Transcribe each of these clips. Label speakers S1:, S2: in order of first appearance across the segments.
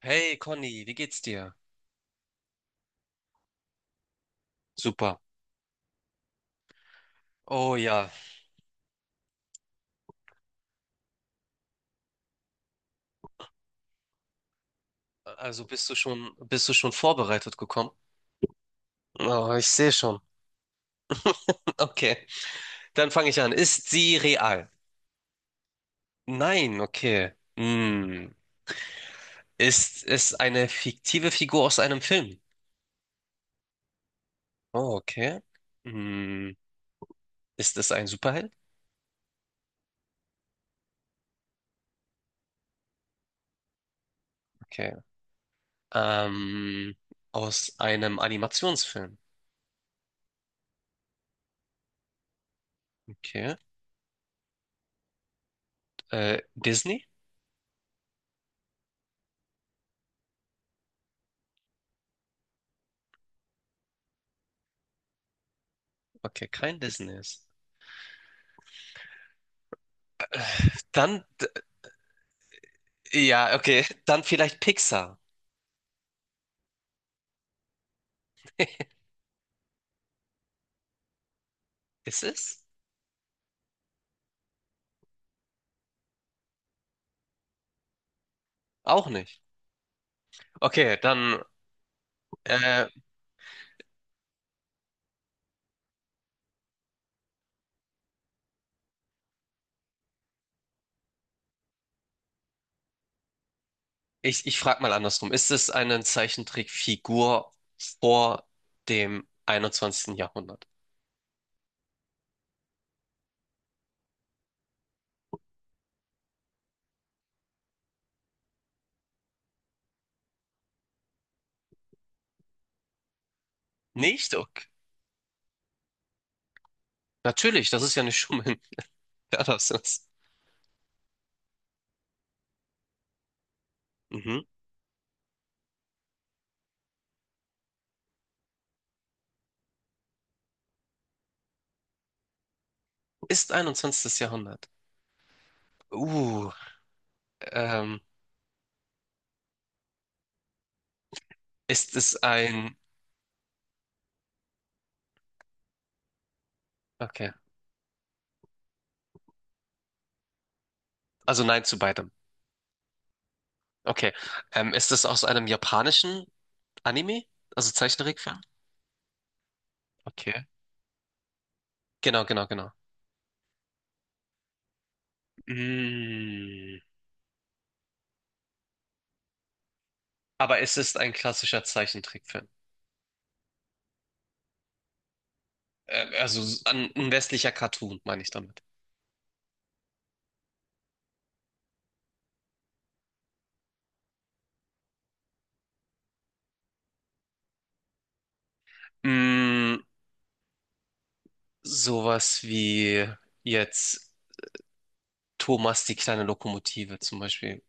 S1: Hey Conny, wie geht's dir? Super. Oh ja, also bist du schon vorbereitet gekommen? Oh, ich sehe schon. Okay, dann fange ich an. Ist sie real? Nein, okay. Hm. Ist es eine fiktive Figur aus einem Film? Oh, okay. Hm. Ist es ein Superheld? Okay. Ähm, aus einem Animationsfilm? Okay. Disney? Okay, kein Disney ist. Dann, ja, okay, dann vielleicht Pixar. Ist es? Auch nicht. Okay, dann äh, ich frage mal andersrum. Ist es eine Zeichentrickfigur vor dem 21. Jahrhundert? Nicht? Okay. Natürlich, das ist ja nicht Schummeln. Ja, das ist. Mhm. Ist 21. Jahrhundert. Uh, ähm, ist es ein. Okay, also nein zu beidem. Okay, ist es aus einem japanischen Anime? Also Zeichentrickfilm? Okay. Genau, genau, genau. Mm. Aber es ist ein klassischer Zeichentrickfilm. Also ein westlicher Cartoon, meine ich damit. Mm, sowas wie jetzt Thomas die kleine Lokomotive zum Beispiel.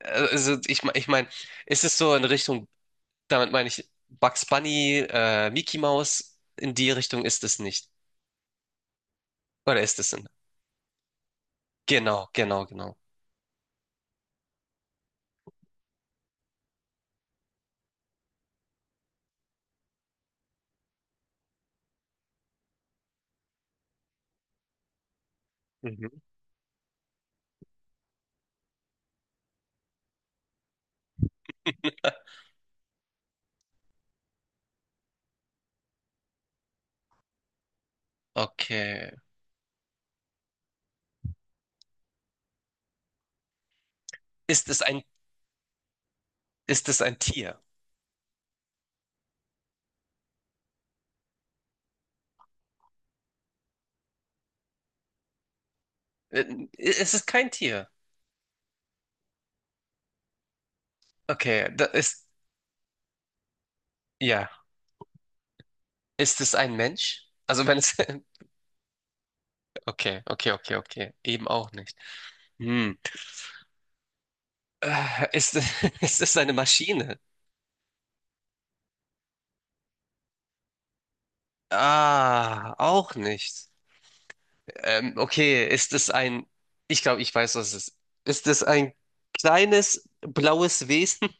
S1: Also ich, ich meine, es ist so in Richtung, damit meine ich Bugs Bunny, Mickey Mouse, in die Richtung ist es nicht. Oder ist es in? Genau, genau, genau. Mhm. Okay. Ist es ein, ist es ein Tier? Äh, Es ist kein Tier. Okay, da ist, ja. Ist es ein Mensch? Also wenn es... Okay, okay, okay, okay. Eben auch nicht. Hm. Ist, ist es eine Maschine? Ah, auch nicht. Okay, ist es ein... Ich glaube, ich weiß, was es ist. Ist es ein kleines blaues Wesen?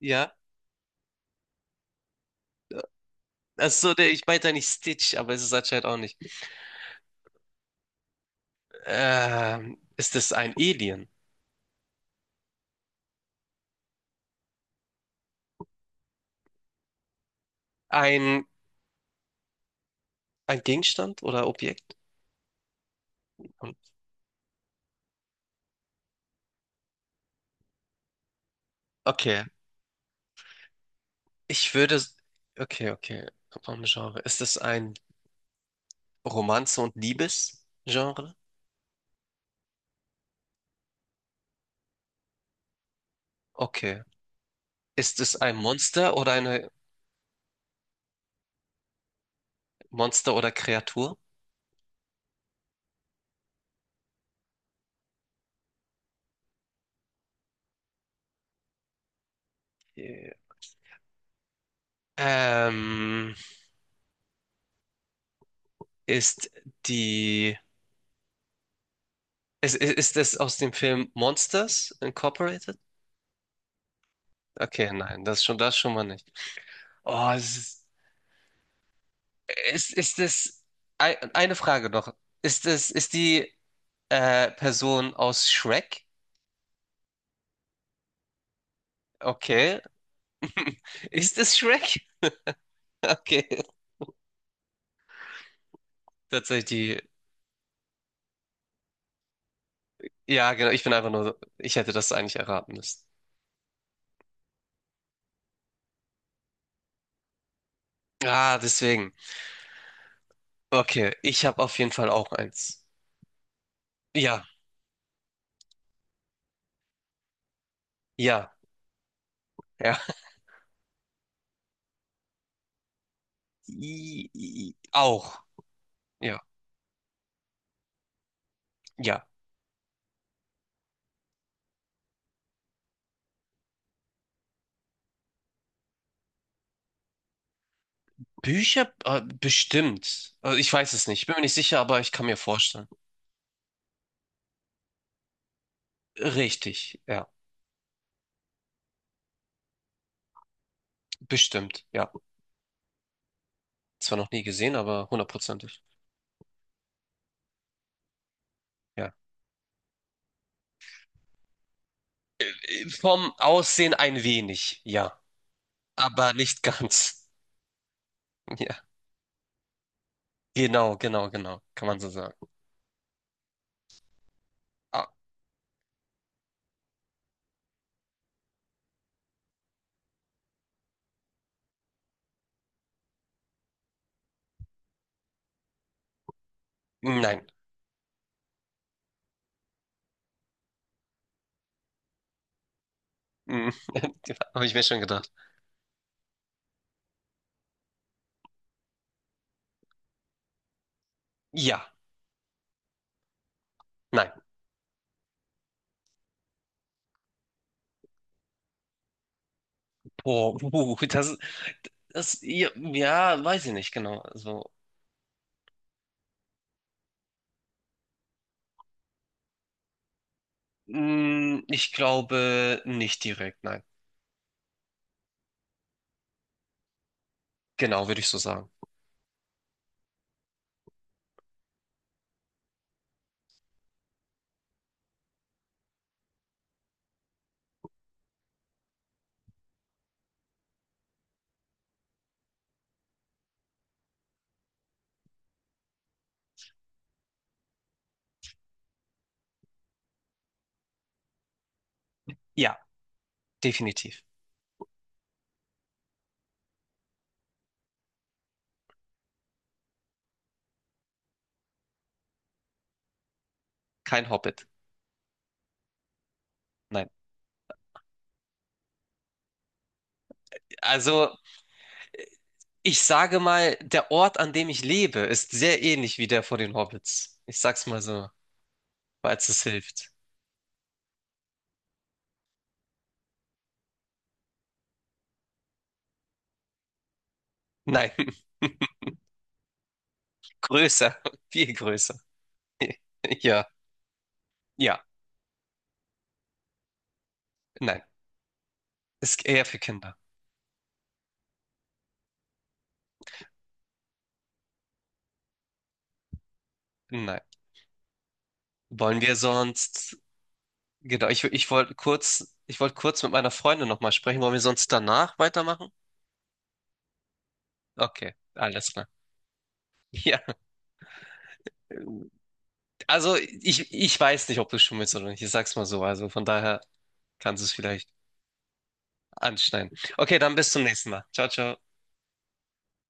S1: Ja. Achso, der, ich meinte nicht Stitch, aber es ist anscheinend auch nicht. Ist es ein Alien? Ein, ein Gegenstand oder Objekt? Okay. Ich würde... Okay, okay. Vom Genre. Ist es ein Romanze und Liebesgenre? Okay. Ist es ein Monster oder eine Monster oder Kreatur? Okay. Ähm, ist die ist es aus dem Film Monsters Incorporated? Okay, nein, das schon mal nicht. Oh, es ist ist es eine Frage noch. Ist es ist die Person aus Shrek? Okay. Ist es Shrek? Okay. Tatsächlich ja, genau. Ich bin einfach nur, so, ich hätte das eigentlich erraten müssen. Ah, deswegen. Okay, ich habe auf jeden Fall auch eins. Ja, ja, ja. Auch. Ja, ja. Bücher? Bestimmt. Also ich weiß es nicht. Ich bin mir nicht sicher, aber ich kann mir vorstellen. Richtig, ja. Bestimmt, ja. Zwar noch nie gesehen, aber hundertprozentig. Ja. Vom Aussehen ein wenig, ja. Aber nicht ganz. Ja. Genau, genau, genau. Kann man so sagen. Ah, nein. Mhm. Habe ich mir schon gedacht. Ja, nein. Oh, ja, ja, weiß ich nicht genau. Also, mm, ich glaube nicht direkt, nein. Genau, würde ich so sagen. Ja, definitiv. Kein Hobbit. Nein. Also, ich sage mal, der Ort, an dem ich lebe, ist sehr ähnlich wie der vor den Hobbits. Ich sag's mal so, falls es hilft. Nein, größer, viel größer. Ja, ja, nein. Ist eher für Kinder. Nein. Wollen wir sonst. Genau, ich wollte kurz, ich wollte kurz mit meiner Freundin nochmal sprechen. Wollen wir sonst danach weitermachen? Okay, alles klar. Ja, also ich weiß nicht, ob du schummelst oder nicht. Ich sag's mal so. Also von daher kannst du es vielleicht anschneiden. Okay, dann bis zum nächsten Mal. Ciao, ciao.